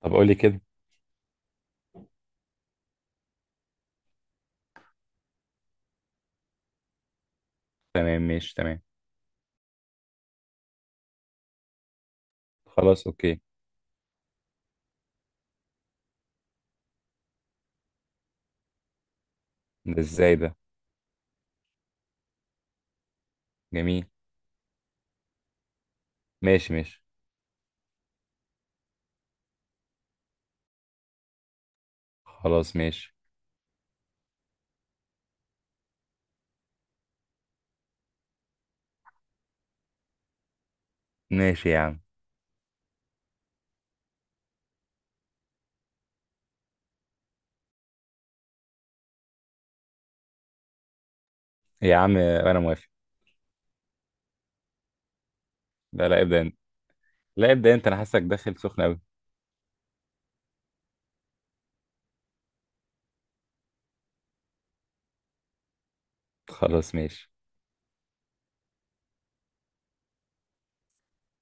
طب، قولي كده. تمام، ماشي، تمام. خلاص، اوكي. ده ازاي ده؟ جميل. ماشي، ماشي. خلاص، ماشي. ماشي يا عم. يا عم، انا موافق. لا، لا، ابدأ انت. لا، ابدأ انت، انا حاسك داخل سخن قوي. خلاص، ماشي.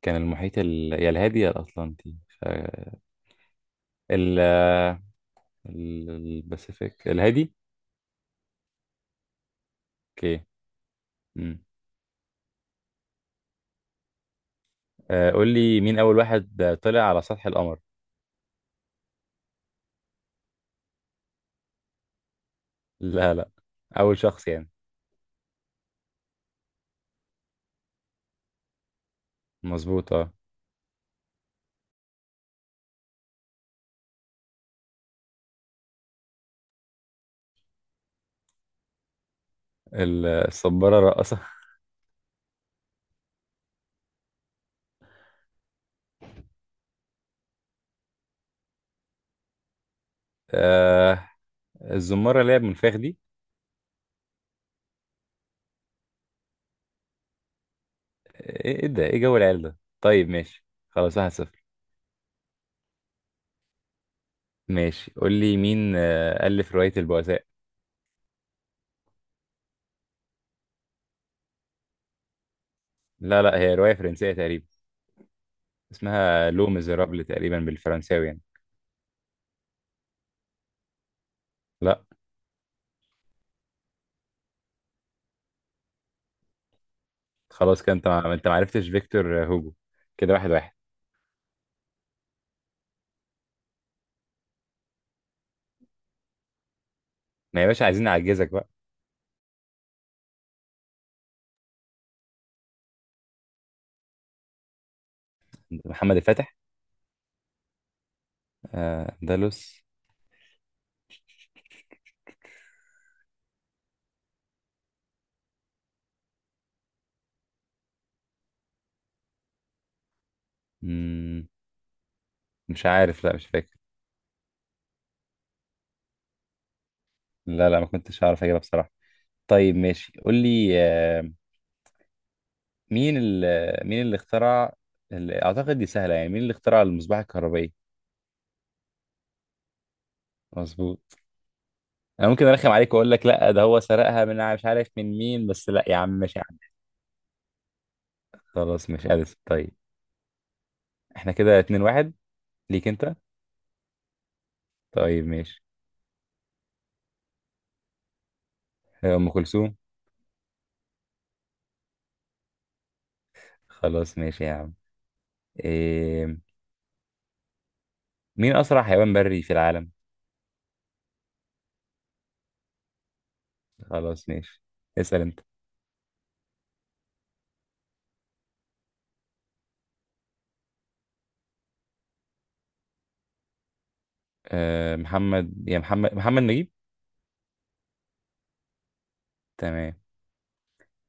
كان المحيط يا الهادي يا الاطلنطي. ال... الباسيفيك، الهادي. اوكي. امم. قول لي، مين اول واحد طلع على سطح القمر؟ لا، لا، اول شخص يعني. مظبوط، اه. الصبارة الراقصة. آه، الزمارة اللي هي بمنفاخ دي. ايه ده، ايه جو العيال ده؟ طيب، ماشي، خلاص، 1-0. ماشي، قول لي، مين ألف رواية البؤساء؟ لا، لا، هي رواية فرنسية تقريبا. اسمها لو ميزيرابل تقريبا بالفرنساوي يعني. لا. خلاص كده، انت ما انت ما عرفتش فيكتور هوجو. كده 1-1. ما يا باشا، عايزين نعجزك بقى. محمد الفاتح. اندلس. مم. مش عارف، لا، مش فاكر. لا، لا، ما كنتش هعرف اجيبها بصراحة. طيب، ماشي، قول لي، مين اللي اخترع، اللي اعتقد دي سهله يعني، مين اللي اخترع المصباح الكهربائي؟ مظبوط. انا ممكن ارخم عليك واقول لك لا، ده هو سرقها من مش عارف من مين، بس لا يا عم، مش عارف. خلاص، مش اديسون، طيب. احنا كده 2-1. ليك انت. طيب، ماشي، هي ام كلثوم. خلاص، ماشي يا عم. إيه... مين اسرع حيوان بري في العالم؟ خلاص، ماشي. اسال انت. محمد يا محمد محمد نجيب. تمام،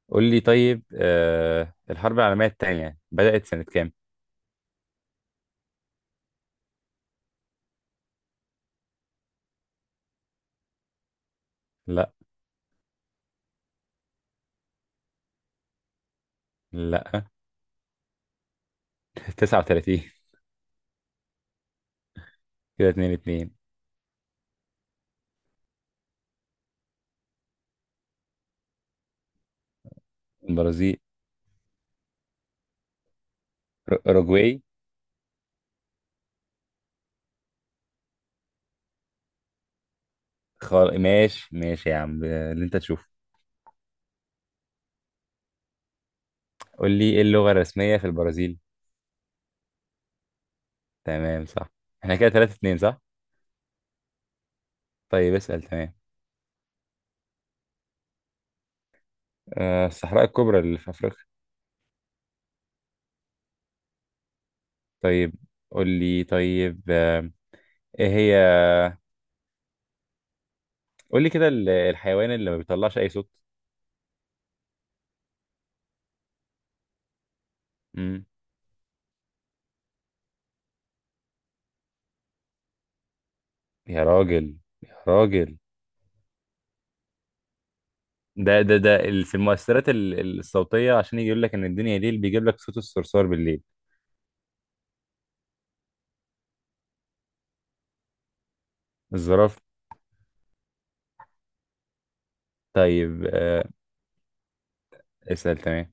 قول لي طيب، الحرب العالميه الثانيه بدات سنه كام؟ لا لا. 39. كده 2-2. البرازيل. اوروجواي. ماشي، ماشي يا عم، اللي انت تشوفه. قول لي، ايه اللغة الرسمية في البرازيل؟ تمام، صح. احنا كده 3-2، صح. طيب، اسأل، تمام. الصحراء الكبرى اللي في افريقيا. طيب، قول لي طيب، ايه هي، قول لي كده، الحيوان اللي ما بيطلعش اي صوت؟ امم. يا راجل، يا راجل. ده في المؤثرات الصوتية، عشان يجي يقول لك ان الدنيا ليل، بيجيب لك صوت الصرصار بالليل. الزرافة. طيب، اسأل، تمام.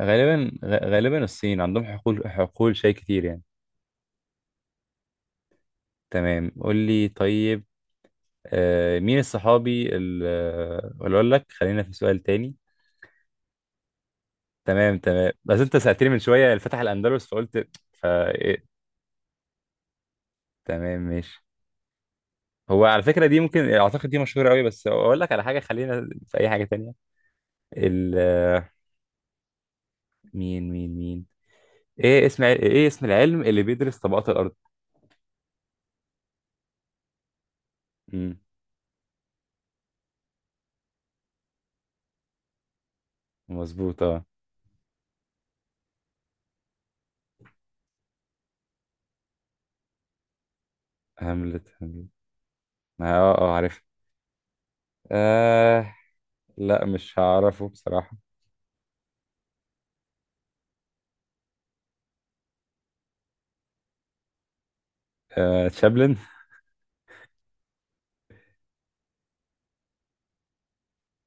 غالبا الصين، عندهم حقول حقول شاي كتير يعني. تمام، قول لي طيب، مين الصحابي اللي، اقول لك خلينا في سؤال تاني. تمام، تمام، بس انت سألتني من شوية اللي فتح الأندلس فقلت. فا إيه. تمام، ماشي. هو على فكرة دي، ممكن أعتقد دي مشهورة قوي، بس أقول لك على حاجة، خلينا في أي حاجة تانية. ال آه، مين إيه اسم العلم اللي بيدرس طبقات الأرض؟ مم. مظبوط، أه. هاملت، هاملت. عارف. آه لا، مش هعرفه بصراحة. تشابلن.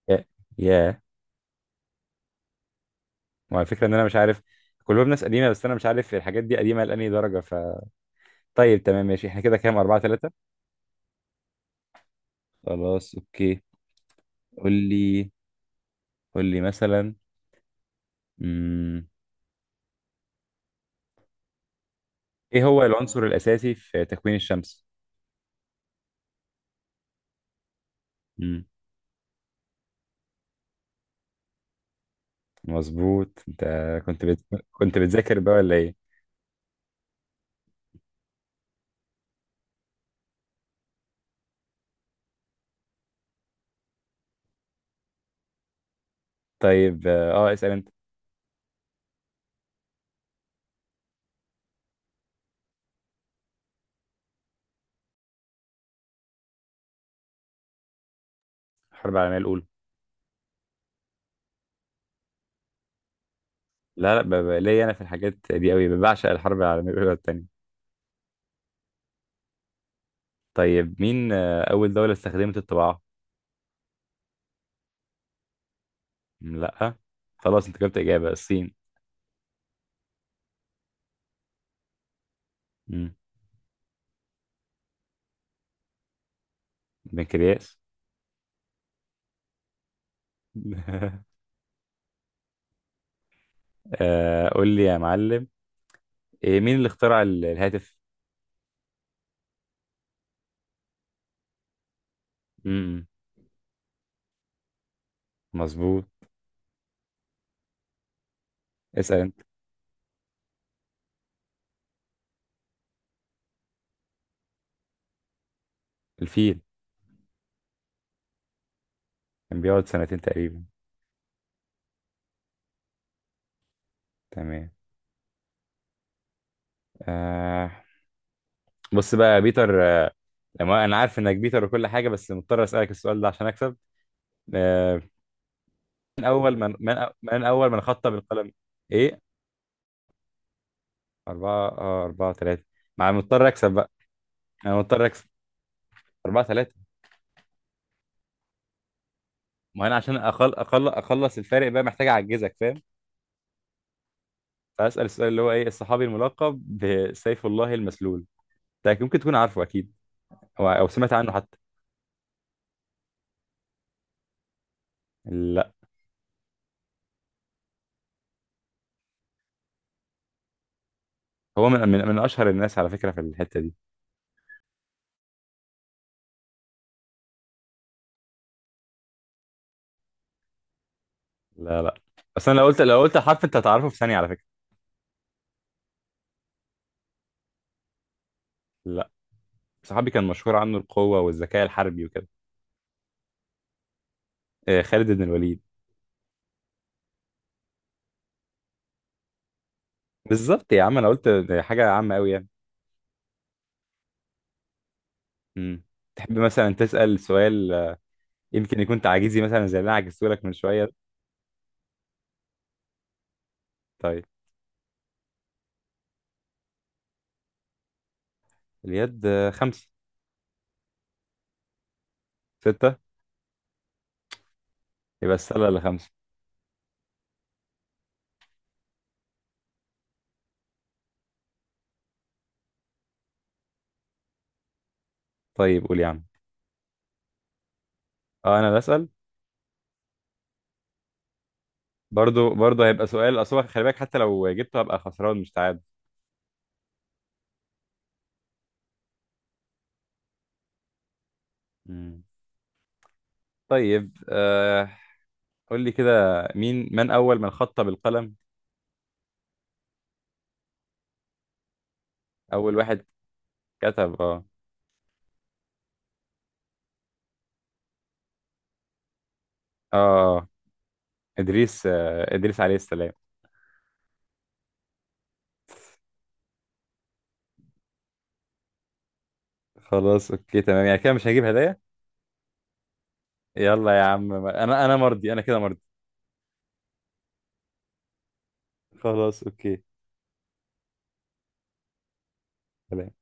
يا، يا. وعلى فكرة ان انا مش عارف. كلهم ناس قديمة، بس انا مش عارف الحاجات دي قديمة لأنهي درجة طيب، تمام، ماشي، احنا كده كام؟ 4-3. خلاص، اوكي. قول لي قول لي مثلا. مم. ايه هو العنصر الأساسي في تكوين الشمس؟ مم. مظبوط، انت. كنت بت... كنت بتذاكر بقى ولا ايه؟ طيب، اسأل انت. الحرب العالمية الأولى. لا، لا، ليا انا في الحاجات دي قوي، بعشق الحرب العالمية الأولى والتانية. طيب، مين أول دولة استخدمت الطباعة؟ مم، لأ. خلاص، أنت جبت إجابة الصين. مم. بنكرياس. قول لي يا معلم، مين اللي اخترع الهاتف؟ مم، مظبوط. اسأل أنت. الفيل. كان بيقعد سنتين تقريبا. تمام. آه بص بقى يا بيتر، لما أنا عارف إنك بيتر وكل حاجة، بس مضطر أسألك السؤال ده عشان أكسب. آه من أول من خط بالقلم؟ إيه؟ 4-3. مع، مضطر أكسب بقى. أنا مضطر أكسب. 4-3. ما أنا عشان أخلص الفارق بقى، محتاج أعجزك، فاهم؟ فأسأل السؤال اللي هو، إيه الصحابي الملقب بسيف الله المسلول؟ ده ممكن تكون عارفه أكيد. أو سمعت عنه حتى. لا. هو من أشهر الناس على فكرة في الحتة دي. لا، لا. بس أنا لو قلت حرف، أنت هتعرفه في ثانية على فكرة. لا. صحابي كان مشهور عنه القوة والذكاء الحربي وكده. خالد بن الوليد. بالظبط يا عم، أنا قلت حاجة عامة أوي يعني. مم. تحب مثلا تسأل سؤال يمكن يكون تعجيزي مثلا زي اللي أنا عجزته لك من شوية. طيب. اليد، خمسة. ستة. يبقى السلة اللي خمسة. طيب، قول يا عم. اه، انا بسأل. برضو، برضو هيبقى سؤال، اصل هو خلي بالك، حتى لو جبته هبقى خسران مش تعادل. مم. طيب، قول لي كده، مين، من اول من خط بالقلم؟ اول واحد كتب اه ادريس عليه السلام. خلاص، اوكي، تمام، يعني كده مش هجيب هدايا. يلا يا عم، انا مرضي، انا كده مرضي. خلاص، اوكي. سلام.